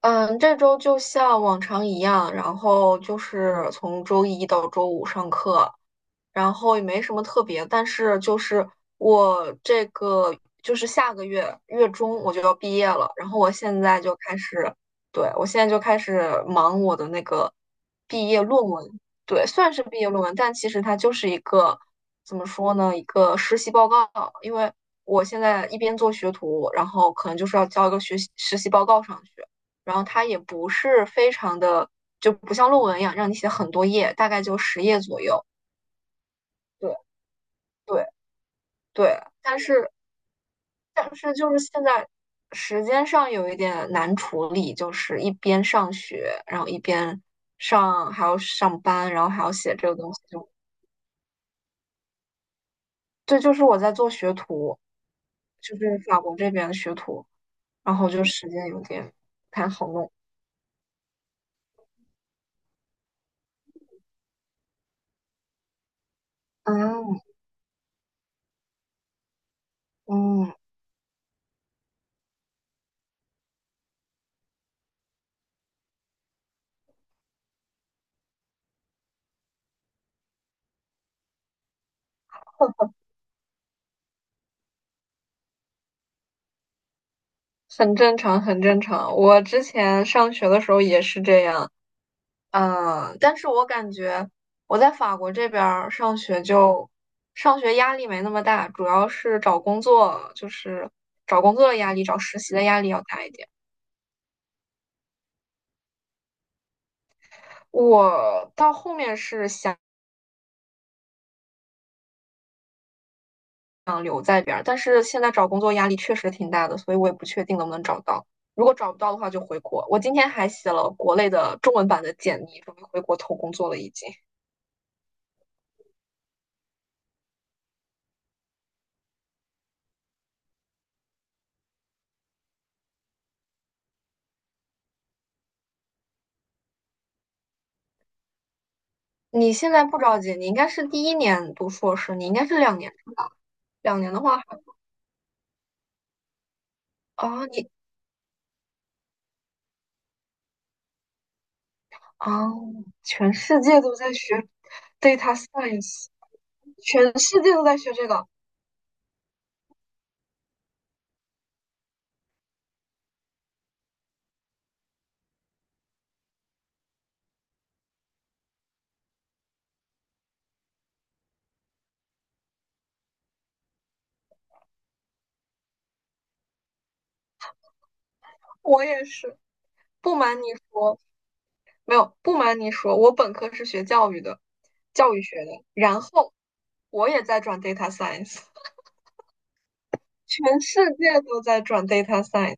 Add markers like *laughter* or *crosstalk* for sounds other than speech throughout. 嗯，这周就像往常一样，然后就是从周一到周五上课，然后也没什么特别，但是就是我这个就是下个月月中我就要毕业了，然后我现在就开始，对，我现在就开始忙我的那个毕业论文，对，算是毕业论文，但其实它就是一个怎么说呢，一个实习报告，因为我现在一边做学徒，然后可能就是要交一个学习实习报告上去。然后它也不是非常的，就不像论文一样让你写很多页，大概就10页左右。对对对，但是就是现在时间上有一点难处理，就是一边上学，然后一边还要上班，然后还要写这个东西，就这就是我在做学徒，就是法国这边的学徒，然后就时间有点不太好弄。嗯嗯。很正常，很正常。我之前上学的时候也是这样，嗯，但是我感觉我在法国这边儿上学就上学压力没那么大，主要是找工作，就是找工作的压力，找实习的压力要大一点。我到后面是想留在这边儿，但是现在找工作压力确实挺大的，所以我也不确定能不能找到。如果找不到的话，就回国。我今天还写了国内的中文版的简历，准备回国投工作了已经。你现在不着急，你应该是第一年读硕士，你应该是两年，两年的话。啊你哦，全世界都在学 data science，全世界都在学这个。我也是，不瞒你说，没有，不瞒你说，我本科是学教育的，教育学的，然后我也在转 data science，*laughs* 全世界都在转 data science。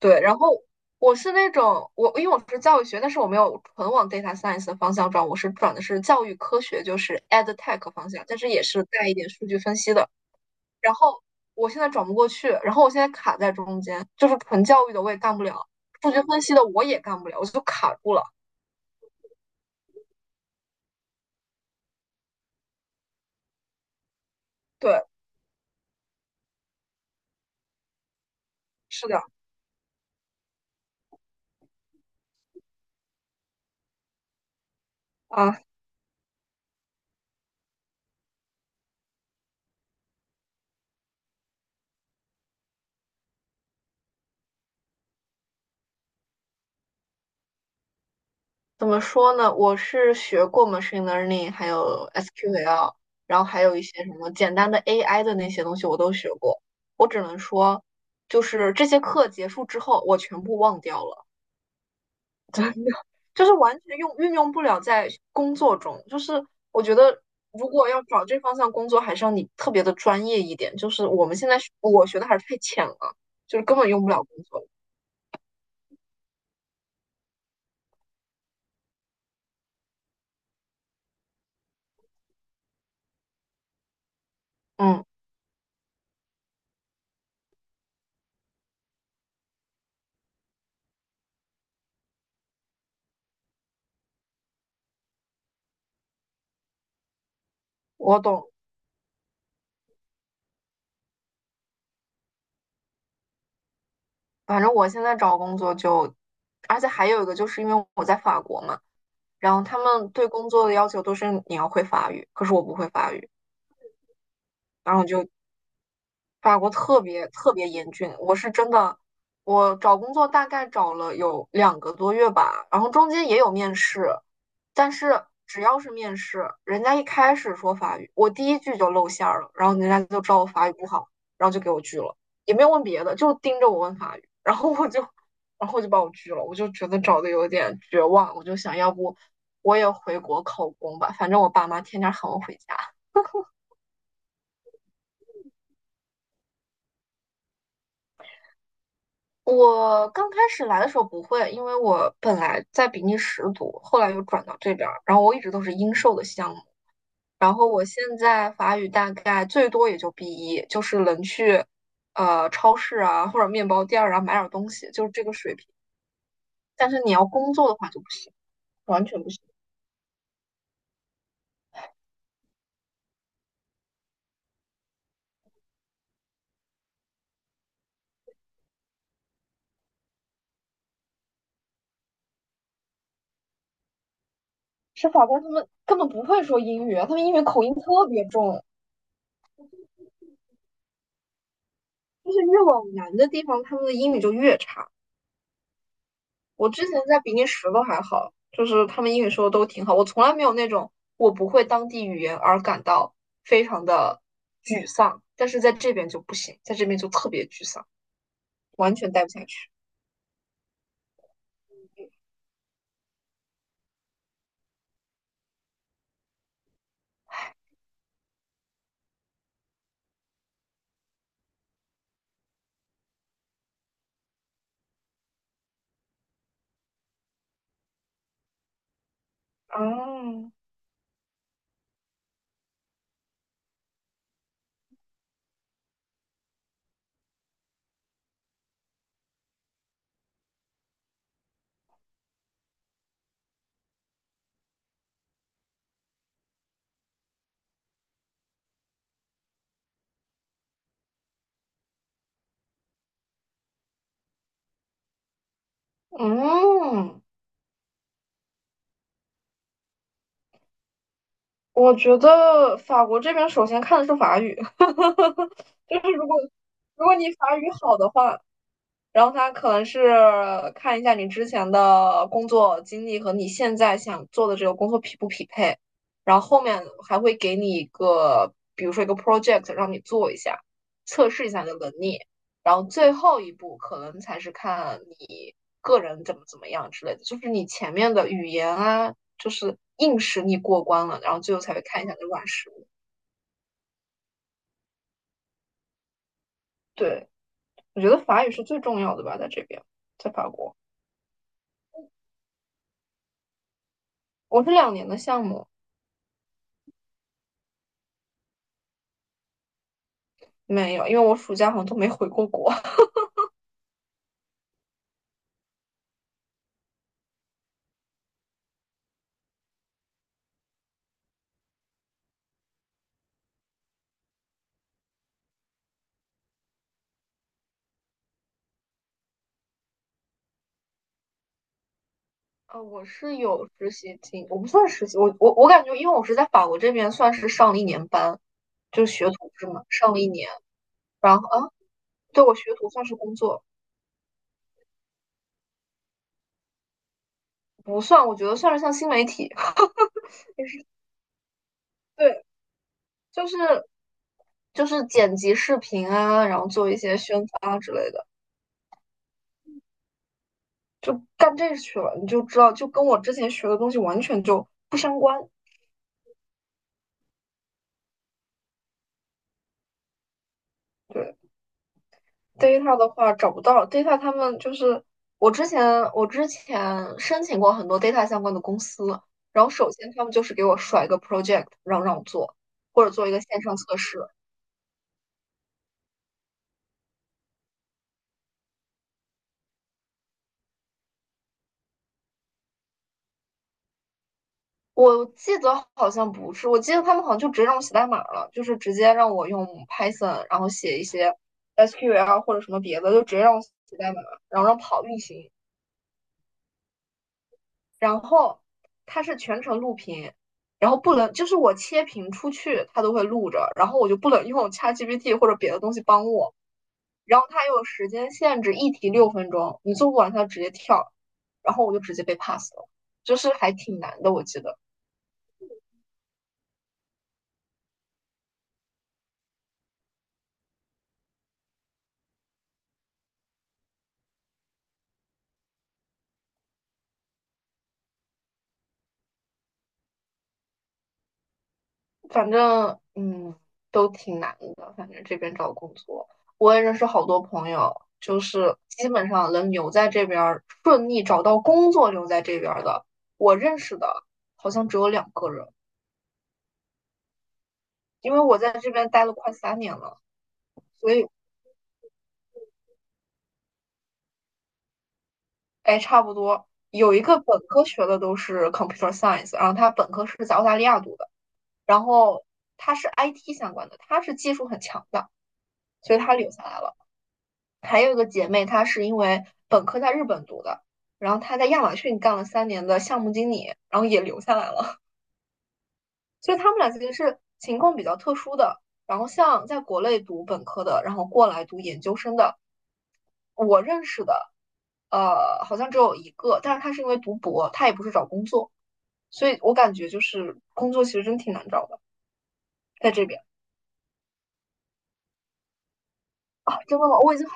对，然后我是那种我，因为我是教育学，但是我没有纯往 data science 的方向转，我是转的是教育科学，就是 ed tech 方向，但是也是带一点数据分析的。然后我现在转不过去，然后我现在卡在中间，就是纯教育的我也干不了，数据分析的我也干不了，我就卡住了。对，是的啊，怎么说呢？我是学过 machine learning，还有 SQL，然后还有一些什么简单的 AI 的那些东西我都学过。我只能说，就是这些课结束之后，我全部忘掉了。真的 *laughs* 就是完全用运用不了在工作中。就是我觉得，如果要找这方向工作，还是要你特别的专业一点。就是我们现在学我学的还是太浅了，就是根本用不了工作。嗯，我懂。反正我现在找工作就，而且还有一个就是因为我在法国嘛，然后他们对工作的要求都是你要会法语，可是我不会法语，然后就法国特别特别严峻，我是真的，我找工作大概找了有2个多月吧，然后中间也有面试，但是只要是面试，人家一开始说法语，我第一句就露馅儿了，然后人家就知道我法语不好，然后就给我拒了，也没有问别的，就盯着我问法语，然后我就，然后就把我拒了，我就觉得找的有点绝望，我就想要不我也回国考公吧，反正我爸妈天天喊我回家。我刚开始来的时候不会，因为我本来在比利时读，后来又转到这边儿，然后我一直都是英授的项目，然后我现在法语大概最多也就 b 一，就是能去超市啊或者面包店儿啊买点儿东西，就是这个水平。但是你要工作的话就不行，完全不行。是法国他们根本不会说英语啊他们英语口音特别重，就是越往南的地方，他们的英语就越差。我之前在比利时都还好，就是他们英语说的都挺好，我从来没有那种我不会当地语言而感到非常的沮丧，但是在这边就不行，在这边就特别沮丧，完全待不下去。啊，嗯，我觉得法国这边首先看的是法语，*laughs* 就是如果你法语好的话，然后他可能是看一下你之前的工作经历和你现在想做的这个工作匹不匹配，然后后面还会给你一个，比如说一个 project 让你做一下，测试一下你的能力，然后最后一步可能才是看你个人怎么怎么样之类的，就是你前面的语言啊，就是硬实力过关了，然后最后才会看一下你的软实力。对，我觉得法语是最重要的吧，在这边，在法国，我是两年的项目。没有，因为我暑假好像都没回过国。*laughs* 啊，我是有实习经，我不算实习，我感觉，因为我是在法国这边算是上了一年班，就学徒制嘛，上了一年，然后对我学徒算是工作，不算，我觉得算是像新媒体，*laughs* 对，就是剪辑视频啊，然后做一些宣发啊之类的，就干这去了，你就知道，就跟我之前学的东西完全就不相关，对。data 的话找不到 data，他们就是我之前申请过很多 data 相关的公司，然后首先他们就是给我甩一个 project，让我做，或者做一个线上测试。我记得好像不是，我记得他们好像就直接让我写代码了，就是直接让我用 Python，然后写一些 SQL 或者什么别的，就直接让我写代码，然后让跑运行。然后它是全程录屏，然后不能就是我切屏出去，它都会录着，然后我就不能用 ChatGPT 或者别的东西帮我。然后它又有时间限制，一题6分钟，你做不完它直接跳，然后我就直接被 pass 了，就是还挺难的，我记得。反正嗯，都挺难的。反正这边找工作，我也认识好多朋友，就是基本上能留在这边儿，顺利找到工作留在这边儿的，我认识的好像只有2个人。因为我在这边待了快3年了，所以哎，差不多有一个本科学的都是 computer science，然后他本科是在澳大利亚读的，然后他是 IT 相关的，他是技术很强的，所以他留下来了。还有一个姐妹，她是因为本科在日本读的，然后她在亚马逊干了三年的项目经理，然后也留下来了。*laughs* 所以她们俩其实是情况比较特殊的。然后像在国内读本科的，然后过来读研究生的，我认识的，好像只有一个，但是她是因为读博，她也不是找工作，所以我感觉就是工作其实真挺难找的，在这边啊，真的吗？我已经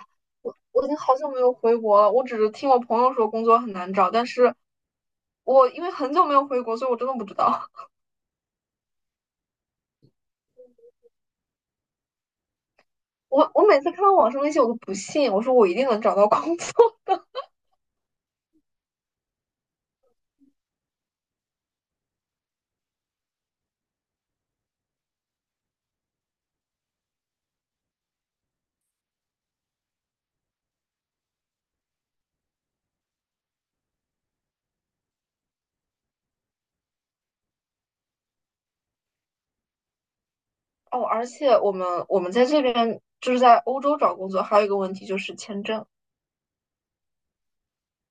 我已经好久没有回国了，我只是听我朋友说工作很难找，但是。我因为很久没有回国，所以我真的不知道。我每次看到网上那些，我都不信，我说我一定能找到工作 *laughs* 哦。而且我们在这边就是在欧洲找工作，还有一个问题就是签证。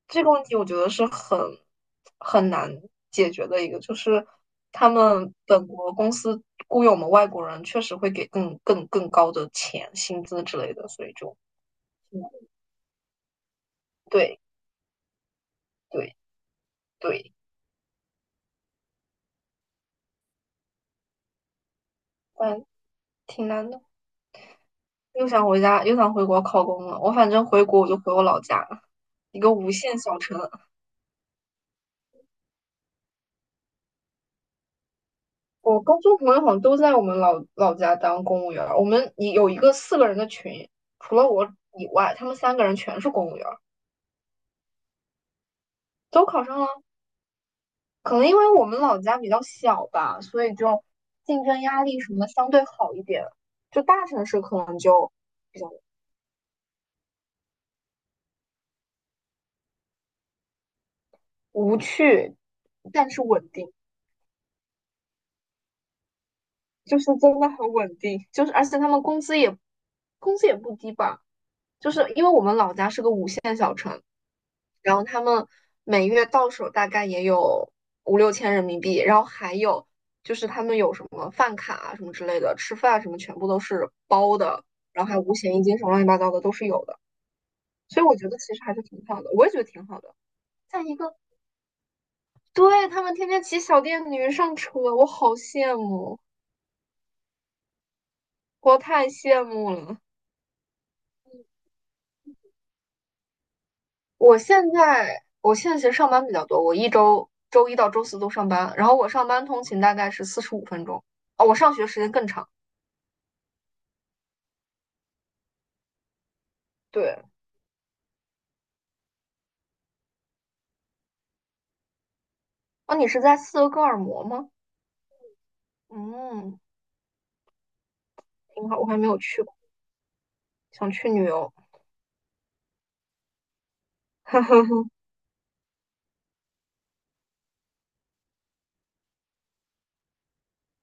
这个问题我觉得是很难解决的一个，就是他们本国公司雇佣我们外国人，确实会给更高的钱、薪资之类的，所以就嗯对对对，但挺难的。又想回家，又想回国考公了。我反正回国我就回我老家，一个无限小城。我高中朋友好像都在我们老家当公务员儿我们一有一个4个人的群，除了我以外，他们3个人全是公务员儿都考上了。可能因为我们老家比较小吧，所以就竞争压力什么相对好一点。就大城市可能就比较无趣，但是稳定，就是真的很稳定。就是而且他们工资也工资也不低吧。就是因为我们老家是个5线小城，然后他们每月到手大概也有5、6千人民币，然后还有就是他们有什么饭卡啊什么之类的，吃饭什么全部都是包的，然后还有5险1金什么乱七八糟的都是有的，所以我觉得其实还是挺好的，我也觉得挺好的。再一个，对，他们天天骑小电驴上车，我好羡慕，我太羡慕了。我现在其实上班比较多，我一周周一到周四都上班，然后我上班通勤大概是45分钟，哦，我上学时间更长。对，哦，你是在斯德哥尔摩吗？嗯，挺好，我还没有去过，想去旅游。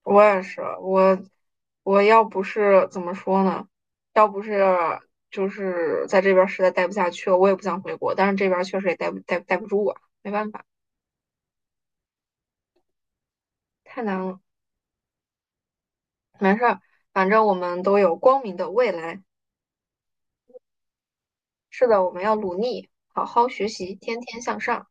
我也是，我要不是怎么说呢，要不是就是在这边儿实在待不下去了，我也不想回国，但是这边儿确实也待不住啊，没办法，太难了，没事儿，反正我们都有光明的未来。是的，我们要努力，好好学习，天天向上。